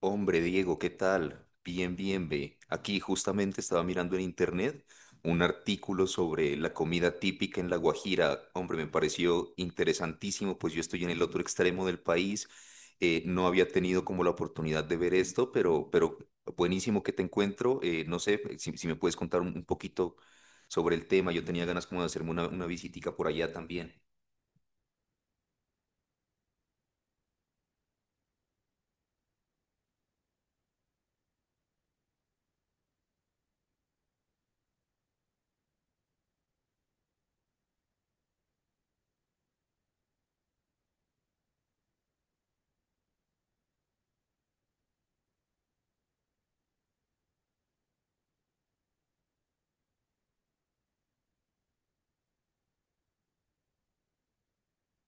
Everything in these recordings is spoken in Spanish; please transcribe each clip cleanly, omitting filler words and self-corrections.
Hombre, Diego, ¿qué tal? Bien, bien, ve. Aquí justamente estaba mirando en internet un artículo sobre la comida típica en La Guajira. Hombre, me pareció interesantísimo, pues yo estoy en el otro extremo del país. No había tenido como la oportunidad de ver esto, pero buenísimo que te encuentro. No sé si me puedes contar un poquito sobre el tema. Yo tenía ganas como de hacerme una visitica por allá también.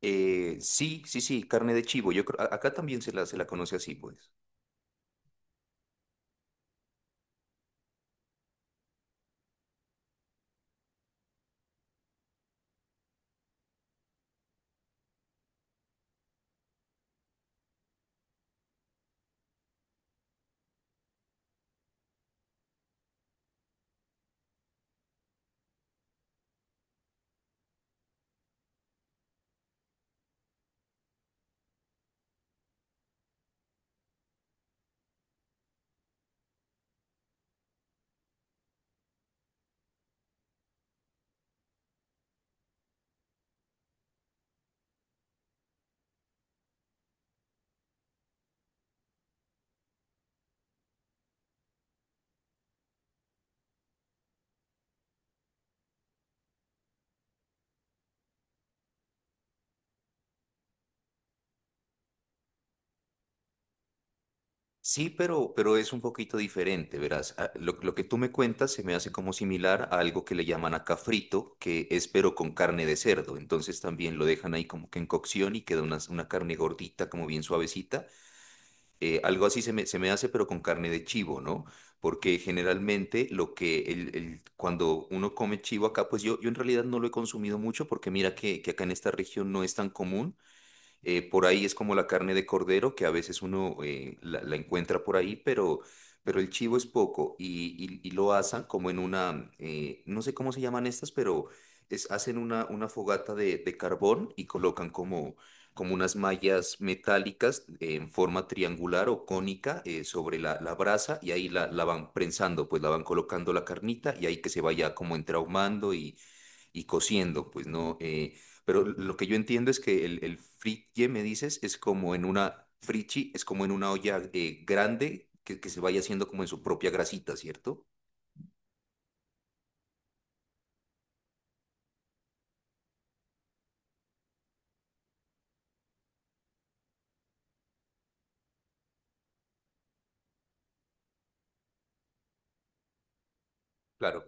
Sí, sí, sí, carne de chivo. Acá también se la conoce así, pues. Sí, pero es un poquito diferente, verás. Ah, lo que tú me cuentas se me hace como similar a algo que le llaman acá frito, que es pero con carne de cerdo. Entonces también lo dejan ahí como que en cocción y queda una carne gordita, como bien suavecita. Algo así se me hace, pero con carne de chivo, ¿no? Porque generalmente lo que cuando uno come chivo acá, pues yo en realidad no lo he consumido mucho porque mira que acá en esta región no es tan común. Por ahí es como la carne de cordero, que a veces uno la encuentra por ahí, pero el chivo es poco y lo asan como en una, no sé cómo se llaman estas, pero es, hacen una fogata de carbón y colocan como, como unas mallas metálicas en forma triangular o cónica sobre la brasa y ahí la van prensando, pues la van colocando la carnita y ahí que se vaya como entrahumando y cociendo, pues no. Pero lo que yo entiendo es que el fritie, me dices, es como en una frichi, es como en una olla grande que se vaya haciendo como en su propia grasita, ¿cierto? Claro.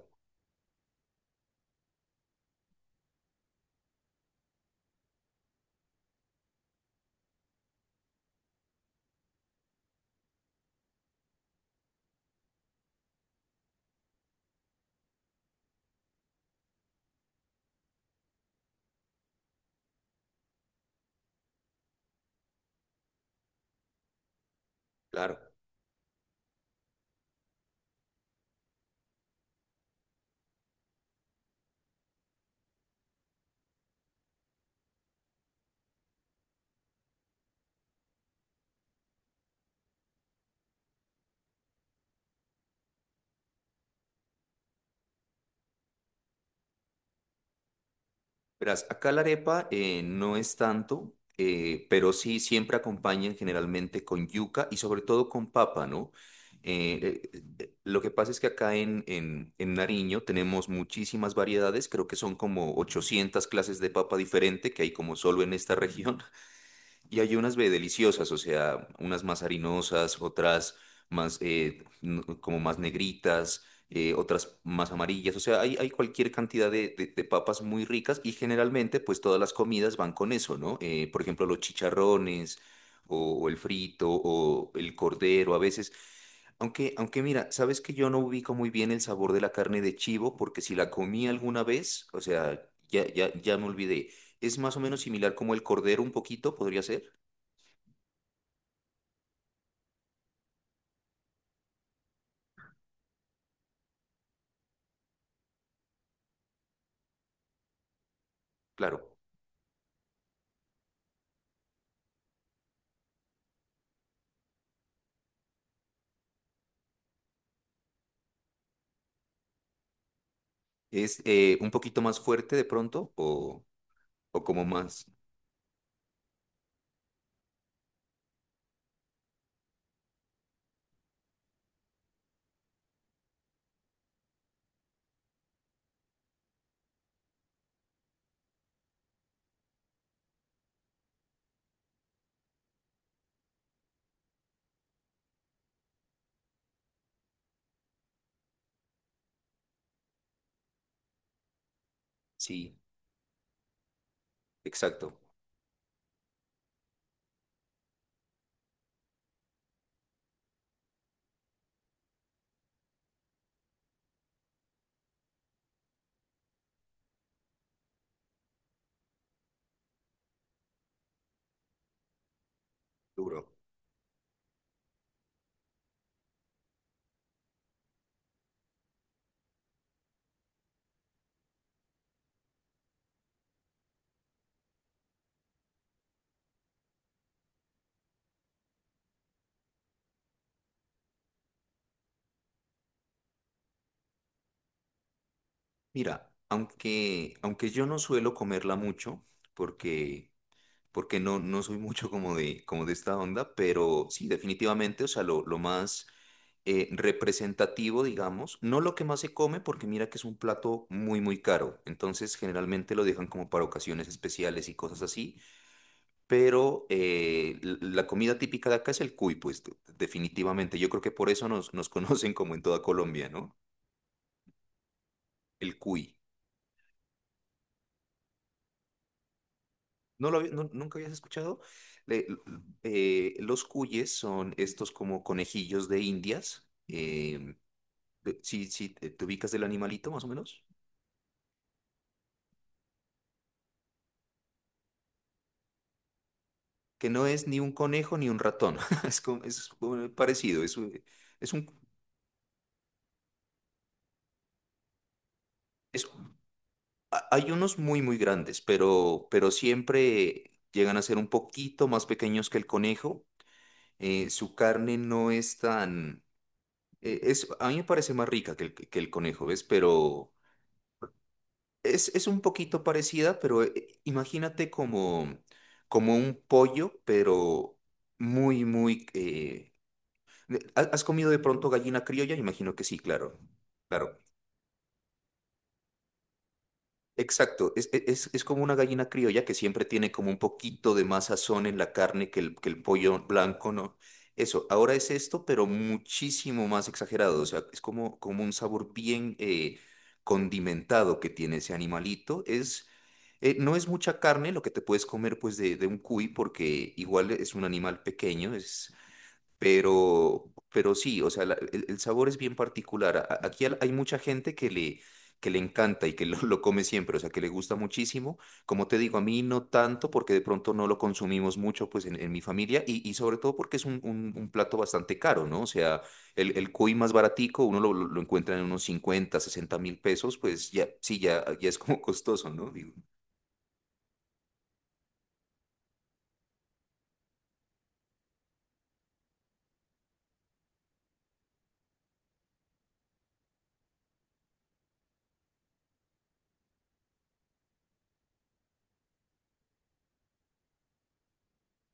Claro. Verás, acá la arepa no es tanto, pero sí siempre acompañan generalmente con yuca y sobre todo con papa, ¿no? Lo que pasa es que acá en Nariño tenemos muchísimas variedades, creo que son como 800 clases de papa diferente que hay como solo en esta región. Y hay unas ve, deliciosas, o sea, unas más harinosas, otras más como más negritas, otras más amarillas, o sea, hay cualquier cantidad de papas muy ricas y generalmente pues todas las comidas van con eso, ¿no? Por ejemplo, los chicharrones o el frito o el cordero a veces. Aunque mira, sabes que yo no ubico muy bien el sabor de la carne de chivo porque si la comí alguna vez, o sea, ya me olvidé. Es más o menos similar como el cordero un poquito, podría ser. Claro. Es un poquito más fuerte de pronto o como más. Sí, exacto. Duro. Mira, aunque yo no suelo comerla mucho porque, porque no, no soy mucho como de esta onda, pero sí, definitivamente, o sea, lo más representativo, digamos, no lo que más se come porque mira que es un plato muy, muy caro. Entonces, generalmente lo dejan como para ocasiones especiales y cosas así, pero la comida típica de acá es el cuy, pues definitivamente. Yo creo que por eso nos conocen como en toda Colombia, ¿no? El cuy. ¿No lo había- no- Nunca habías escuchado? Le- l- los cuyes son estos como conejillos de Indias. Si, te ubicas del animalito, más o menos. Que no es ni un conejo ni un ratón. Es, como- es, Parecido. Es, un- es un, es Hay unos muy, muy grandes, pero siempre llegan a ser un poquito más pequeños que el conejo. Su carne no es tan... es, a mí me parece más rica que el conejo, ¿ves? Pero es un poquito parecida, pero imagínate como, como un pollo, pero muy, muy... ¿has comido de pronto gallina criolla? Imagino que sí, claro, claro. Exacto, es como una gallina criolla que siempre tiene como un poquito de más sazón en la carne que el pollo blanco, ¿no? Eso, ahora es esto, pero muchísimo más exagerado, o sea, es como, como un sabor bien condimentado que tiene ese animalito. No es mucha carne lo que te puedes comer pues de un cuy, porque igual es un animal pequeño, es pero sí, o sea, el sabor es bien particular. Aquí hay mucha gente que le encanta y que lo come siempre, o sea, que le gusta muchísimo. Como te digo, a mí no tanto porque de pronto no lo consumimos mucho pues en mi familia y sobre todo porque es un, un plato bastante caro, ¿no? O sea, el cuy más baratico uno lo encuentra en unos 50 o 60 mil pesos, pues ya, sí, ya es como costoso, ¿no? Digo,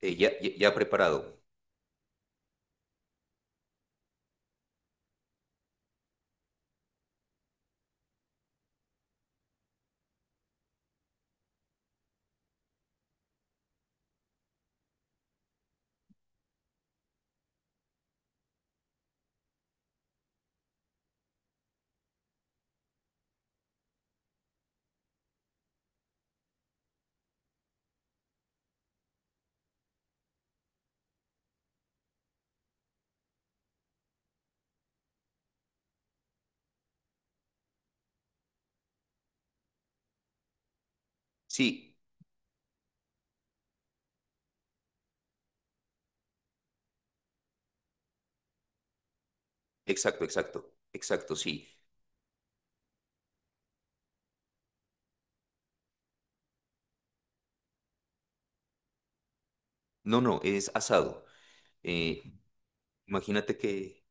ya preparado. Sí, exacto, exacto, exacto, sí. No, no, es asado. Eh, Imagínate que,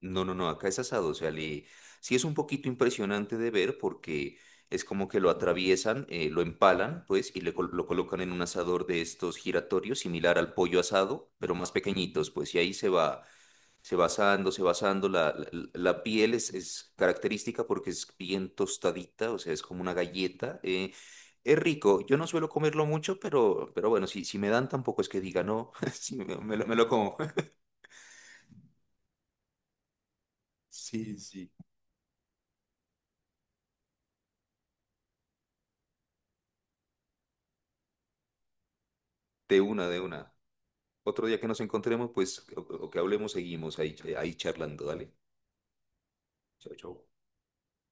no, no, no, acá es asado, o sea, le, sí es un poquito impresionante de ver porque es como que lo atraviesan, lo empalan, pues, y lo colocan en un asador de estos giratorios, similar al pollo asado, pero más pequeñitos, pues, y ahí se va asando, se va asando, la piel es característica porque es bien tostadita, o sea, es como una galleta, eh. Es rico, yo no suelo comerlo mucho, pero bueno, si me dan tampoco es que diga no, si me lo como. Sí, sí. De una, de una. Otro día que nos encontremos, pues, o que hablemos, seguimos ahí, ahí charlando. Dale. Chao, chao.